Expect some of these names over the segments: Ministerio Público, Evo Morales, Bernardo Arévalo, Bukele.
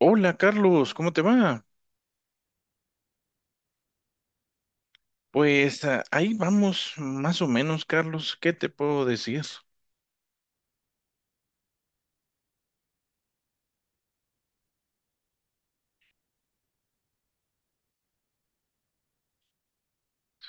Hola Carlos, ¿cómo te va? Ahí vamos más o menos, Carlos, ¿qué te puedo decir?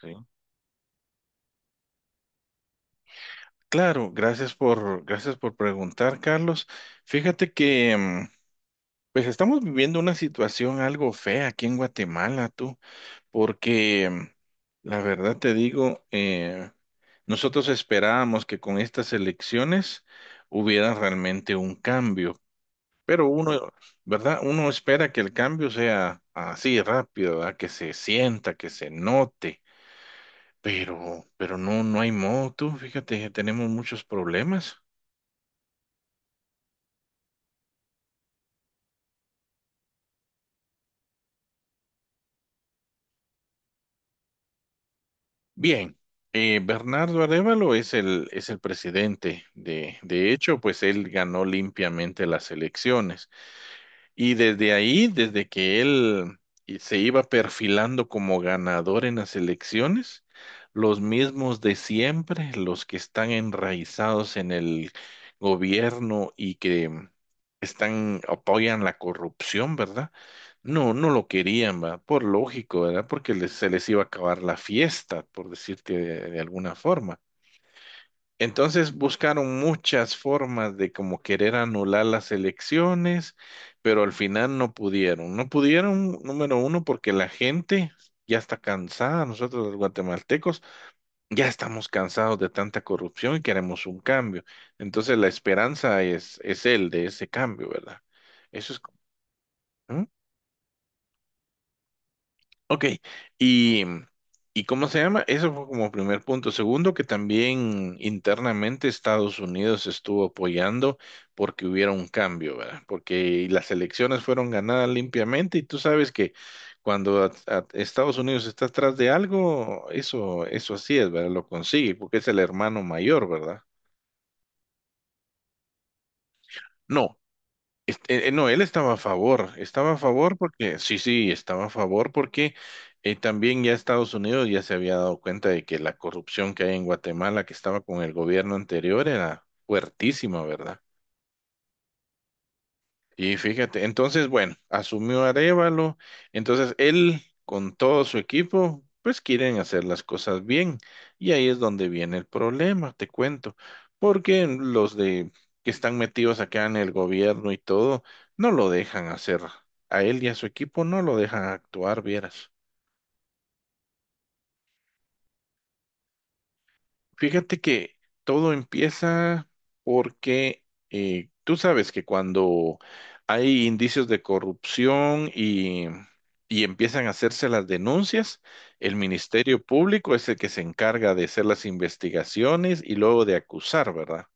Sí, claro, gracias por preguntar, Carlos. Fíjate que pues estamos viviendo una situación algo fea aquí en Guatemala, tú, porque la verdad te digo, nosotros esperábamos que con estas elecciones hubiera realmente un cambio. Pero uno, ¿verdad? Uno espera que el cambio sea así rápido, ¿verdad? Que se sienta, que se note, pero no, no hay modo, tú, fíjate, tenemos muchos problemas. Bien, Bernardo Arévalo es es el presidente, de hecho, pues él ganó limpiamente las elecciones. Y desde ahí, desde que se iba perfilando como ganador en las elecciones, los mismos de siempre, los que están enraizados en el gobierno y que están, apoyan la corrupción, ¿verdad? No, no lo querían, ¿verdad? Por lógico, ¿verdad? Porque se les iba a acabar la fiesta, por decirte de alguna forma. Entonces buscaron muchas formas de como querer anular las elecciones, pero al final no pudieron. No pudieron, número uno, porque la gente ya está cansada. Nosotros los guatemaltecos ya estamos cansados de tanta corrupción y queremos un cambio. Entonces la esperanza es el de ese cambio, ¿verdad? Eso es... ¿Mm? Ok, y, ¿y cómo se llama? Eso fue como primer punto. Segundo, que también internamente Estados Unidos estuvo apoyando porque hubiera un cambio, ¿verdad? Porque las elecciones fueron ganadas limpiamente y tú sabes que cuando Estados Unidos está atrás de algo, eso así es, ¿verdad? Lo consigue porque es el hermano mayor, ¿verdad? No, no, él estaba a favor porque, sí, sí, estaba a favor porque también ya Estados Unidos ya se había dado cuenta de que la corrupción que hay en Guatemala que estaba con el gobierno anterior era fuertísima, ¿verdad? Y fíjate, entonces, bueno, asumió Arévalo, entonces él con todo su equipo, pues quieren hacer las cosas bien. Y ahí es donde viene el problema, te cuento, porque los de que están metidos acá en el gobierno y todo, no lo dejan hacer. A él y a su equipo no lo dejan actuar, vieras. Fíjate que todo empieza porque tú sabes que cuando hay indicios de corrupción y empiezan a hacerse las denuncias, el Ministerio Público es el que se encarga de hacer las investigaciones y luego de acusar, ¿verdad?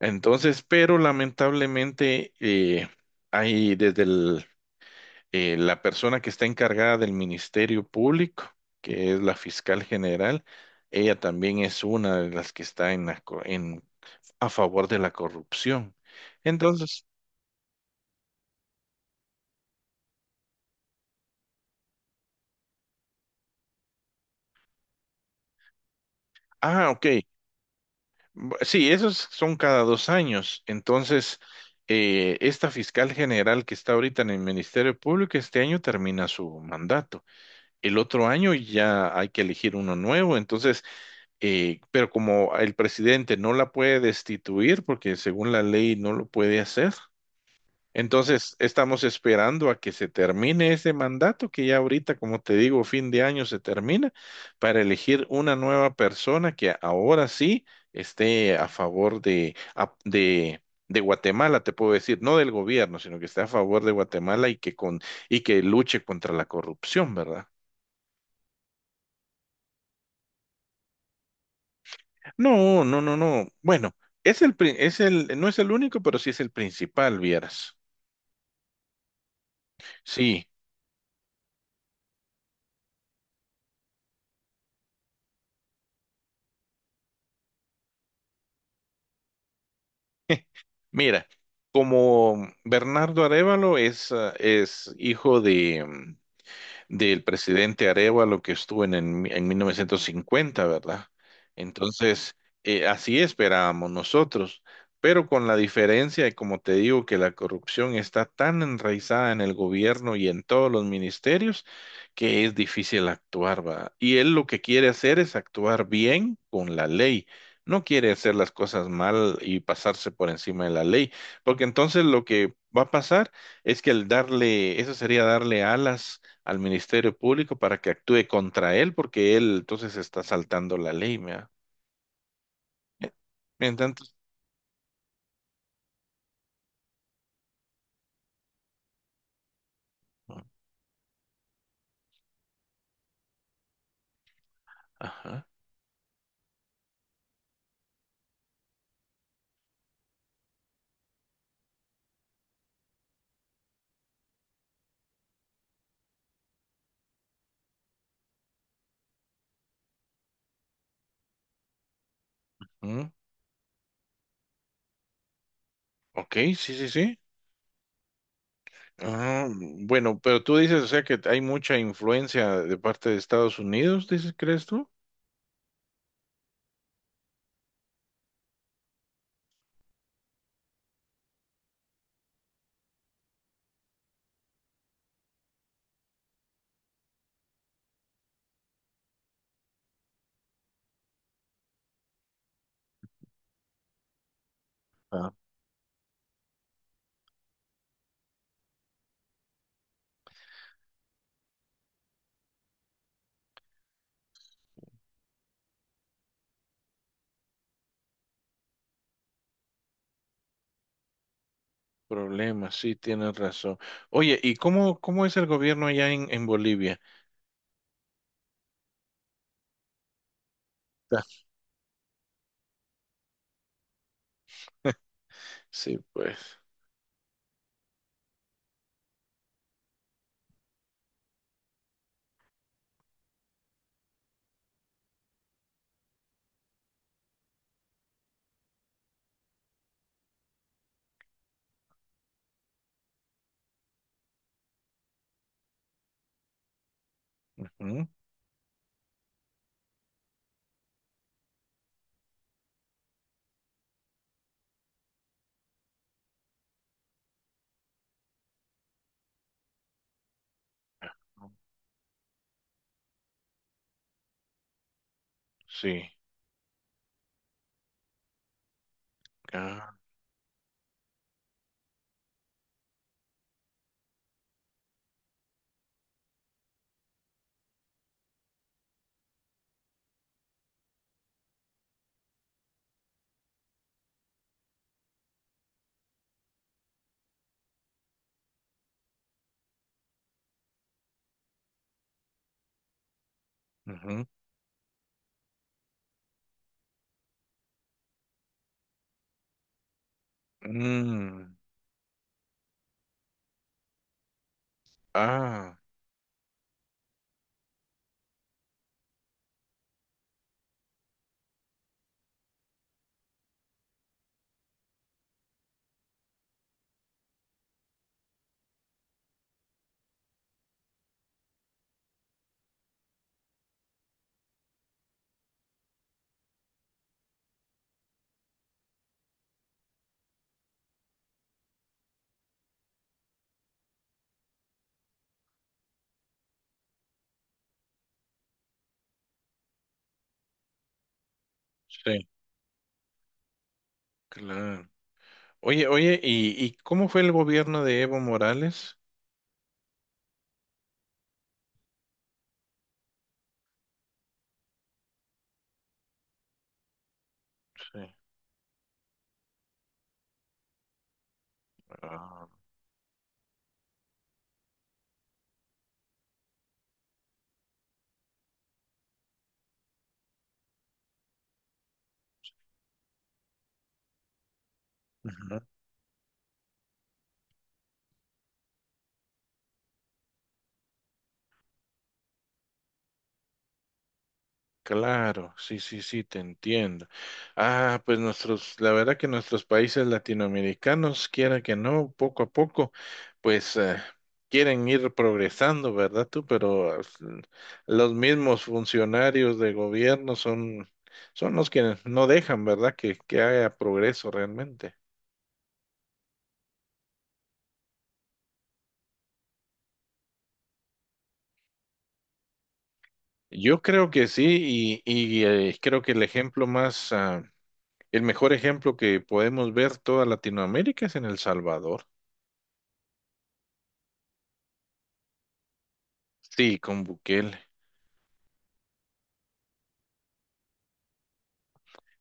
Entonces, pero lamentablemente hay desde el la persona que está encargada del Ministerio Público, que es la fiscal general, ella también es una de las que está en a favor de la corrupción. Entonces, ah, ok. Sí, esos son cada dos años. Entonces, esta fiscal general que está ahorita en el Ministerio Público, este año termina su mandato. El otro año ya hay que elegir uno nuevo. Entonces, pero como el presidente no la puede destituir, porque según la ley no lo puede hacer, entonces estamos esperando a que se termine ese mandato, que ya ahorita, como te digo, fin de año se termina, para elegir una nueva persona que ahora sí esté a favor de Guatemala, te puedo decir, no del gobierno, sino que esté a favor de Guatemala y que, con, y que luche contra la corrupción, ¿verdad? No, no, no, no. Bueno, es es el, no es el único, pero sí es el principal, vieras. Sí, mira, como Bernardo Arévalo es, ah, es hijo de, del presidente Arevalo que estuvo en, en 1950, ¿verdad? Entonces, así esperábamos nosotros, pero con la diferencia, y como te digo, que la corrupción está tan enraizada en el gobierno y en todos los ministerios que es difícil actuar, ¿va? Y él lo que quiere hacer es actuar bien con la ley. No quiere hacer las cosas mal y pasarse por encima de la ley, porque entonces lo que va a pasar es que el darle, eso sería darle alas al Ministerio Público para que actúe contra él porque él entonces está saltando la ley, ¿me Mientras tanto, ajá, mm, ok, sí, sí, sí. Ah, bueno, pero tú dices, o sea, que hay mucha influencia de parte de Estados Unidos, dices, ¿crees tú? Ah, problema, sí, tienes razón. Oye, ¿y cómo, cómo es el gobierno allá en Bolivia? Ah, sí, pues. Ujú, sí. Ah, ujú, mm, ah, sí, claro. Oye, oye, y cómo fue el gobierno de Evo Morales? Sí. Ah, ujú, claro, sí, sí, sí, te entiendo. Ah, pues nuestros, la verdad que nuestros países latinoamericanos, quiera que no, poco a poco, pues eh, quieren ir progresando, ¿verdad tú? Pero los mismos funcionarios de gobierno son, son los que no dejan, ¿verdad? Que haya progreso realmente. Yo creo que sí, creo que el ejemplo más... ah, el mejor ejemplo que podemos ver toda Latinoamérica es en El Salvador. Sí, con Bukele.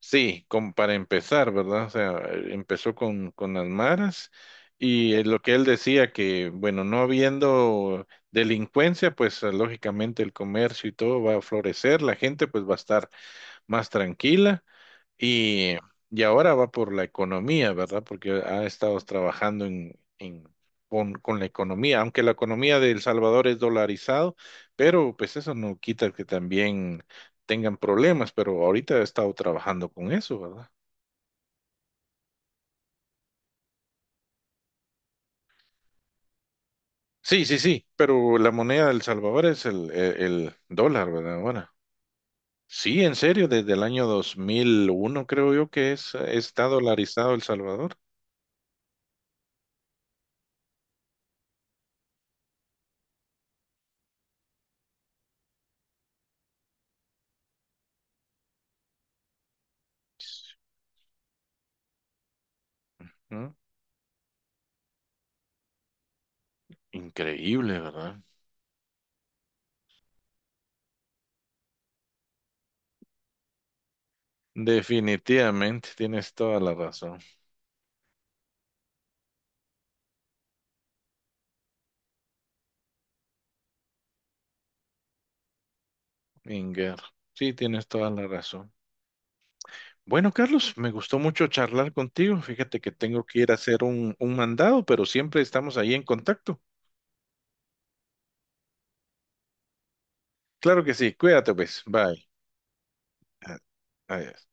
Sí, con, para empezar, ¿verdad? O sea, con las maras lo que él decía que, bueno, no habiendo delincuencia, pues lógicamente el comercio y todo va a florecer, la gente pues va a estar más tranquila. Y, y ahora va por la economía, ¿verdad? Porque ha estado trabajando en- con la economía, aunque la economía de El Salvador es dolarizado, pero pues eso no quita que también tengan problemas, pero ahorita ha estado trabajando con eso, ¿verdad? Sí, sí, sí, pero la moneda de El Salvador es el dólar, ¿verdad? Ahora. Sí, en serio, desde el año 2001 creo yo que es, está dolarizado El Salvador. ¿No? Increíble, ¿verdad? Definitivamente, tienes toda la razón, Inger. Sí, tienes toda la razón. Bueno, Carlos, me gustó mucho charlar contigo. Fíjate que tengo que ir a hacer un mandado, pero siempre estamos ahí en contacto. Claro que sí, cuídate pues, bye. Ah, adiós.